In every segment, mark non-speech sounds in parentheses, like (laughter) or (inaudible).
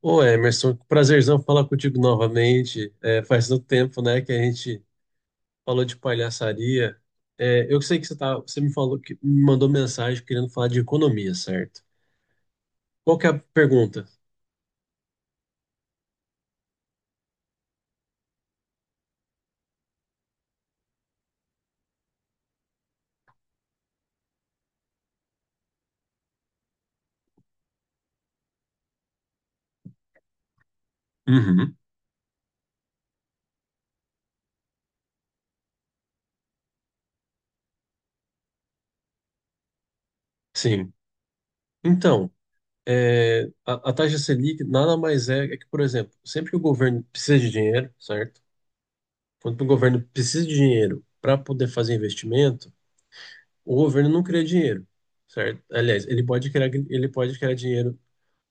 Ô Emerson, prazerzão falar contigo novamente. Faz tanto tempo, né, que a gente falou de palhaçaria. Eu sei que você me falou que me mandou mensagem querendo falar de economia, certo? Qual que é a pergunta? Uhum. Sim. Então, a taxa Selic nada mais é que, por exemplo, sempre que o governo precisa de dinheiro, certo? Quando o governo precisa de dinheiro para poder fazer investimento, o governo não cria dinheiro, certo? Aliás, ele pode criar dinheiro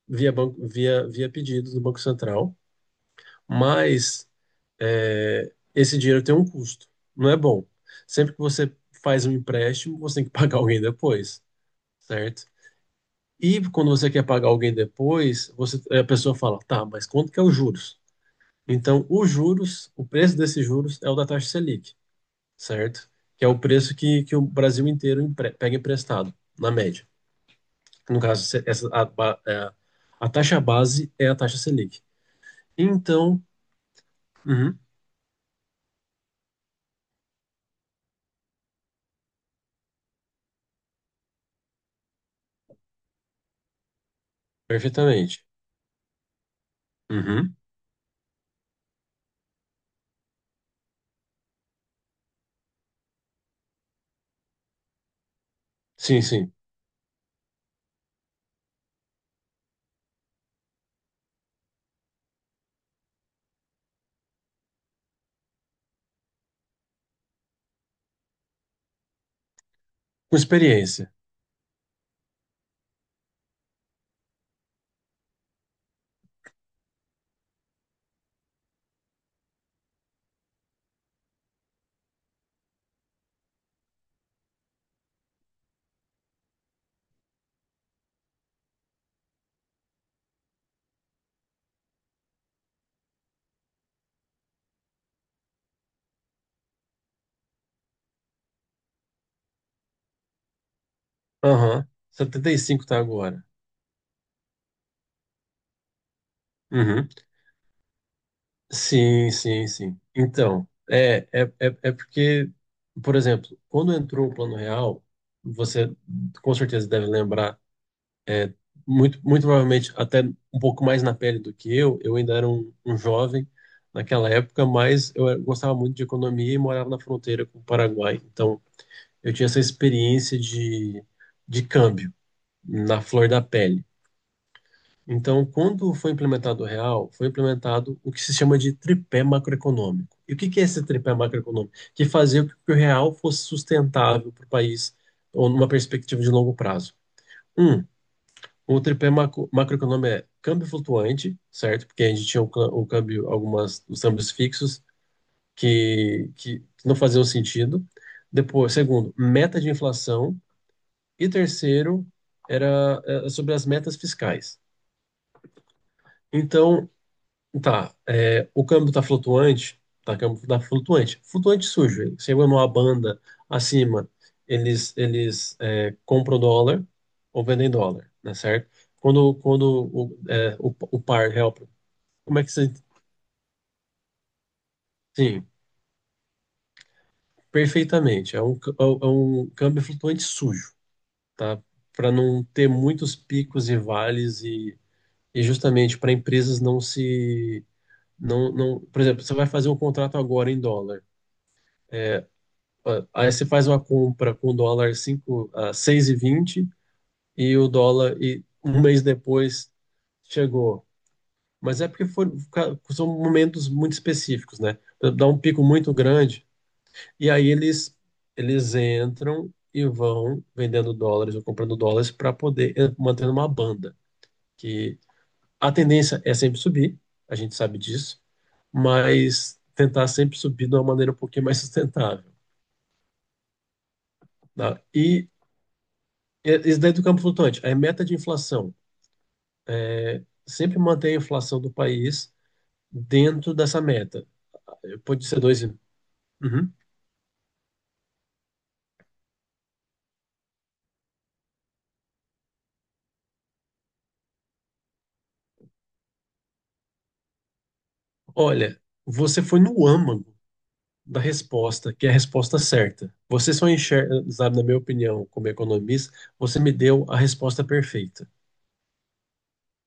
via, banco, via pedidos do Banco Central, mas esse dinheiro tem um custo, não é bom. Sempre que você faz um empréstimo, você tem que (laughs) pagar alguém depois, certo? E quando você quer pagar alguém depois, a pessoa fala: tá, mas quanto que é os juros? Então, os juros, o preço desses juros é o da taxa Selic, certo? Que é o preço que o Brasil inteiro pega emprestado, na média. No caso, a, a taxa base é a taxa Selic. Então, uhum, perfeitamente. Uhum, sim, sim. Com experiência. Aham, setenta e cinco tá agora. Uhum, sim, sim, sim. Então, é porque, por exemplo, quando entrou o Plano Real, você com certeza deve lembrar, é, muito, muito provavelmente até um pouco mais na pele do que eu. Eu ainda era um jovem naquela época, mas gostava muito de economia e morava na fronteira com o Paraguai. Então, eu tinha essa experiência de câmbio na flor da pele. Então, quando foi implementado o real, foi implementado o que se chama de tripé macroeconômico. E o que que é esse tripé macroeconômico? Que fazia com que o real fosse sustentável para o país ou numa perspectiva de longo prazo. Um, o tripé macroeconômico é câmbio flutuante, certo? Porque a gente tinha o câmbio, os câmbios fixos que não faziam sentido. Depois, segundo, meta de inflação. E terceiro, era, sobre as metas fiscais. Então, tá, o câmbio tá flutuante. Flutuante sujo. Ele chegou numa banda acima, eles compram dólar ou vendem dólar, né, certo? Quando o, o par real, como é que você, sim, perfeitamente. É um um câmbio flutuante sujo, tá? Para não ter muitos picos e vales e justamente para empresas não se, não, não, por exemplo, você vai fazer um contrato agora em dólar. Ah, aí você faz uma compra com o dólar 5 a 6,20 e vinte e o dólar e um mês depois chegou. Mas é porque são momentos muito específicos, né? Dá um pico muito grande e aí eles entram e vão vendendo dólares ou comprando dólares para poder manter uma banda, que a tendência é sempre subir, a gente sabe disso, mas tentar sempre subir de uma maneira um pouquinho mais (laughs) sustentável, tá? Isso daí do campo flutuante é meta de inflação. Sempre manter a inflação do país dentro dessa meta. Pode ser dois. Uhum. Olha, você foi no âmago da resposta, que é a resposta certa. Você só enxerga, sabe, na minha opinião, como economista, você me deu a resposta perfeita.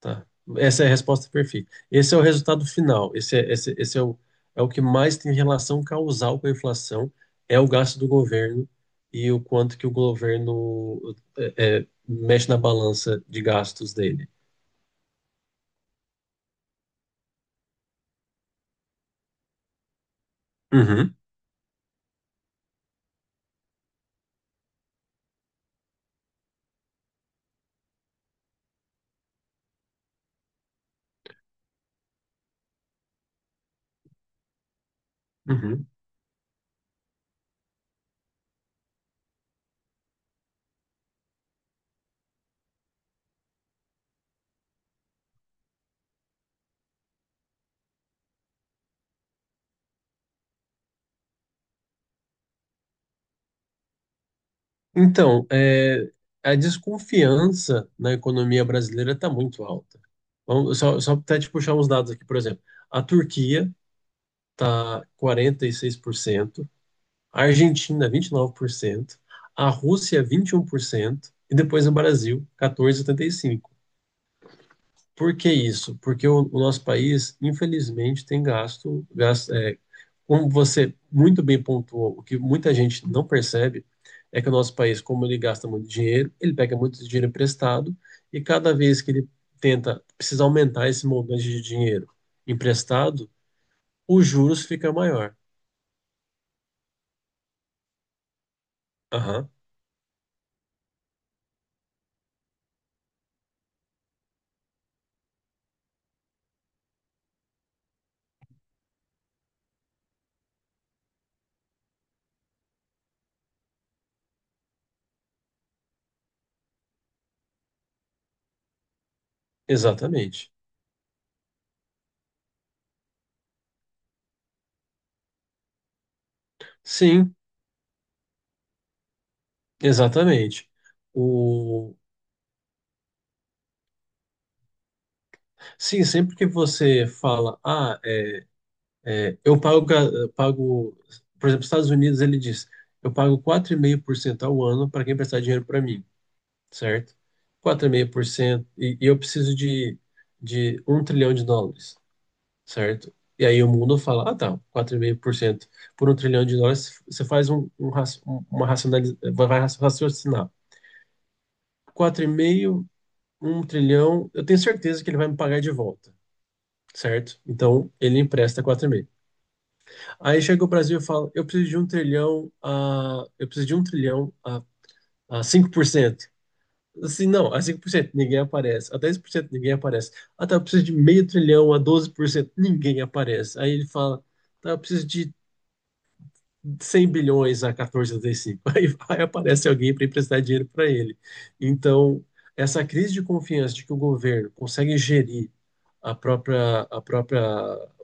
Tá. Essa é a resposta perfeita. Esse é o resultado final. Esse é, esse é o, é o que mais tem relação causal com a inflação, é o gasto do governo e o quanto que o governo mexe na balança de gastos dele. Uhum, uhum. Então, a desconfiança na economia brasileira está muito alta. Vamos, só até te puxar uns dados aqui, por exemplo. A Turquia está 46%, a Argentina 29%, a Rússia 21% e depois o Brasil 14,75%. Por cento. Por que isso? Porque o nosso país, infelizmente, tem gasto, gasto como você muito bem pontuou, o que muita gente não percebe é que o nosso país, como ele gasta muito dinheiro, ele pega muito dinheiro emprestado e cada vez que ele tenta precisa aumentar esse montante de dinheiro emprestado, os juros fica maior. Aham, exatamente. Sim, exatamente. O... Sim, sempre que você fala: ah, eu pago, pago, por exemplo, Estados Unidos, ele diz: eu pago 4,5% ao ano para quem prestar dinheiro para mim, certo? 4,5%, e eu preciso de um trilhão de dólares, certo? E aí o mundo fala: ah, tá, 4,5% por um trilhão de dólares, você faz uma racionalização, vai raciocinar. 4,5, um trilhão, eu tenho certeza que ele vai me pagar de volta. Certo? Então ele empresta 4,5. Aí chega o Brasil e fala: eu preciso de um trilhão a 5%. Assim, não, A 5% ninguém aparece, a 10% ninguém aparece. Ah, tá, eu preciso de meio trilhão a 12%, ninguém aparece. Aí ele fala: tá, eu preciso de 100 bilhões a 14,35. Aí vai, aparece alguém para emprestar dinheiro para ele. Então, essa crise de confiança de que o governo consegue gerir a própria, a própria,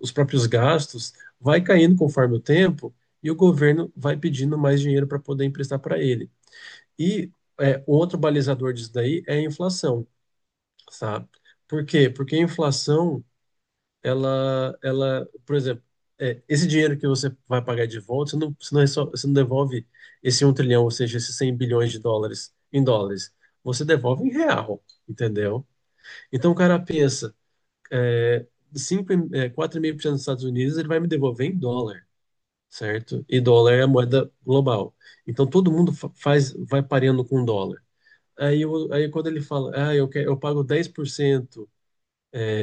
os próprios gastos vai caindo conforme o tempo e o governo vai pedindo mais dinheiro para poder emprestar para ele. E um outro balizador disso daí é a inflação, sabe? Por quê? Porque a inflação por exemplo, esse dinheiro que você vai pagar de volta, você não devolve esse um trilhão, ou seja, esses 100 bilhões de dólares em dólares. Você devolve em real, entendeu? Então o cara pensa: 4,5% dos Estados Unidos, ele vai me devolver em dólar, certo? E dólar é a moeda global. Então todo mundo faz, vai pareando com dólar. Aí, aí quando ele fala: ah, eu pago 10%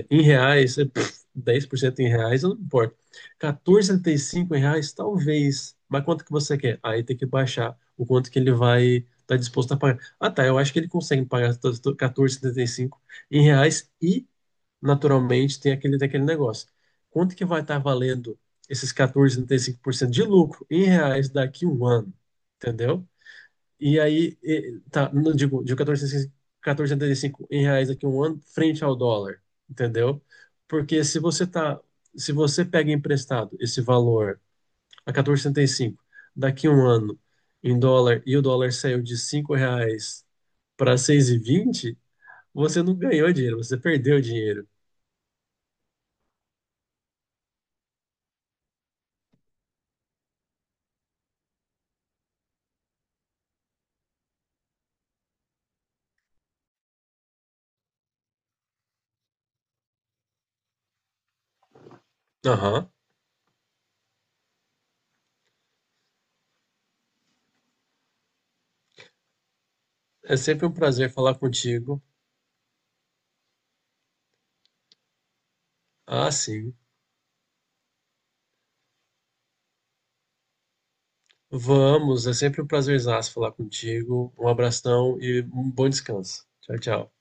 em reais, 10% em reais, eu não me importo. 14,75 em reais, talvez. Mas quanto que você quer? Aí tem que baixar o quanto que ele vai estar disposto a pagar. Ah, tá, eu acho que ele consegue pagar 14,75 em reais e, naturalmente, tem aquele negócio. Quanto que vai estar valendo esses 14,75% de lucro em reais daqui a um ano? Entendeu? E aí, tá, não digo, de 14,65 14,75 em reais daqui a um ano, frente ao dólar, entendeu? Porque se se você pega emprestado esse valor a 14,75 daqui a um ano em dólar e o dólar saiu de 5 reais para 6,20, você não ganhou dinheiro, você perdeu dinheiro. Aham. É sempre um prazer falar contigo. Ah, sim. Vamos, é sempre um prazerzaço falar contigo. Um abração e um bom descanso. Tchau, tchau.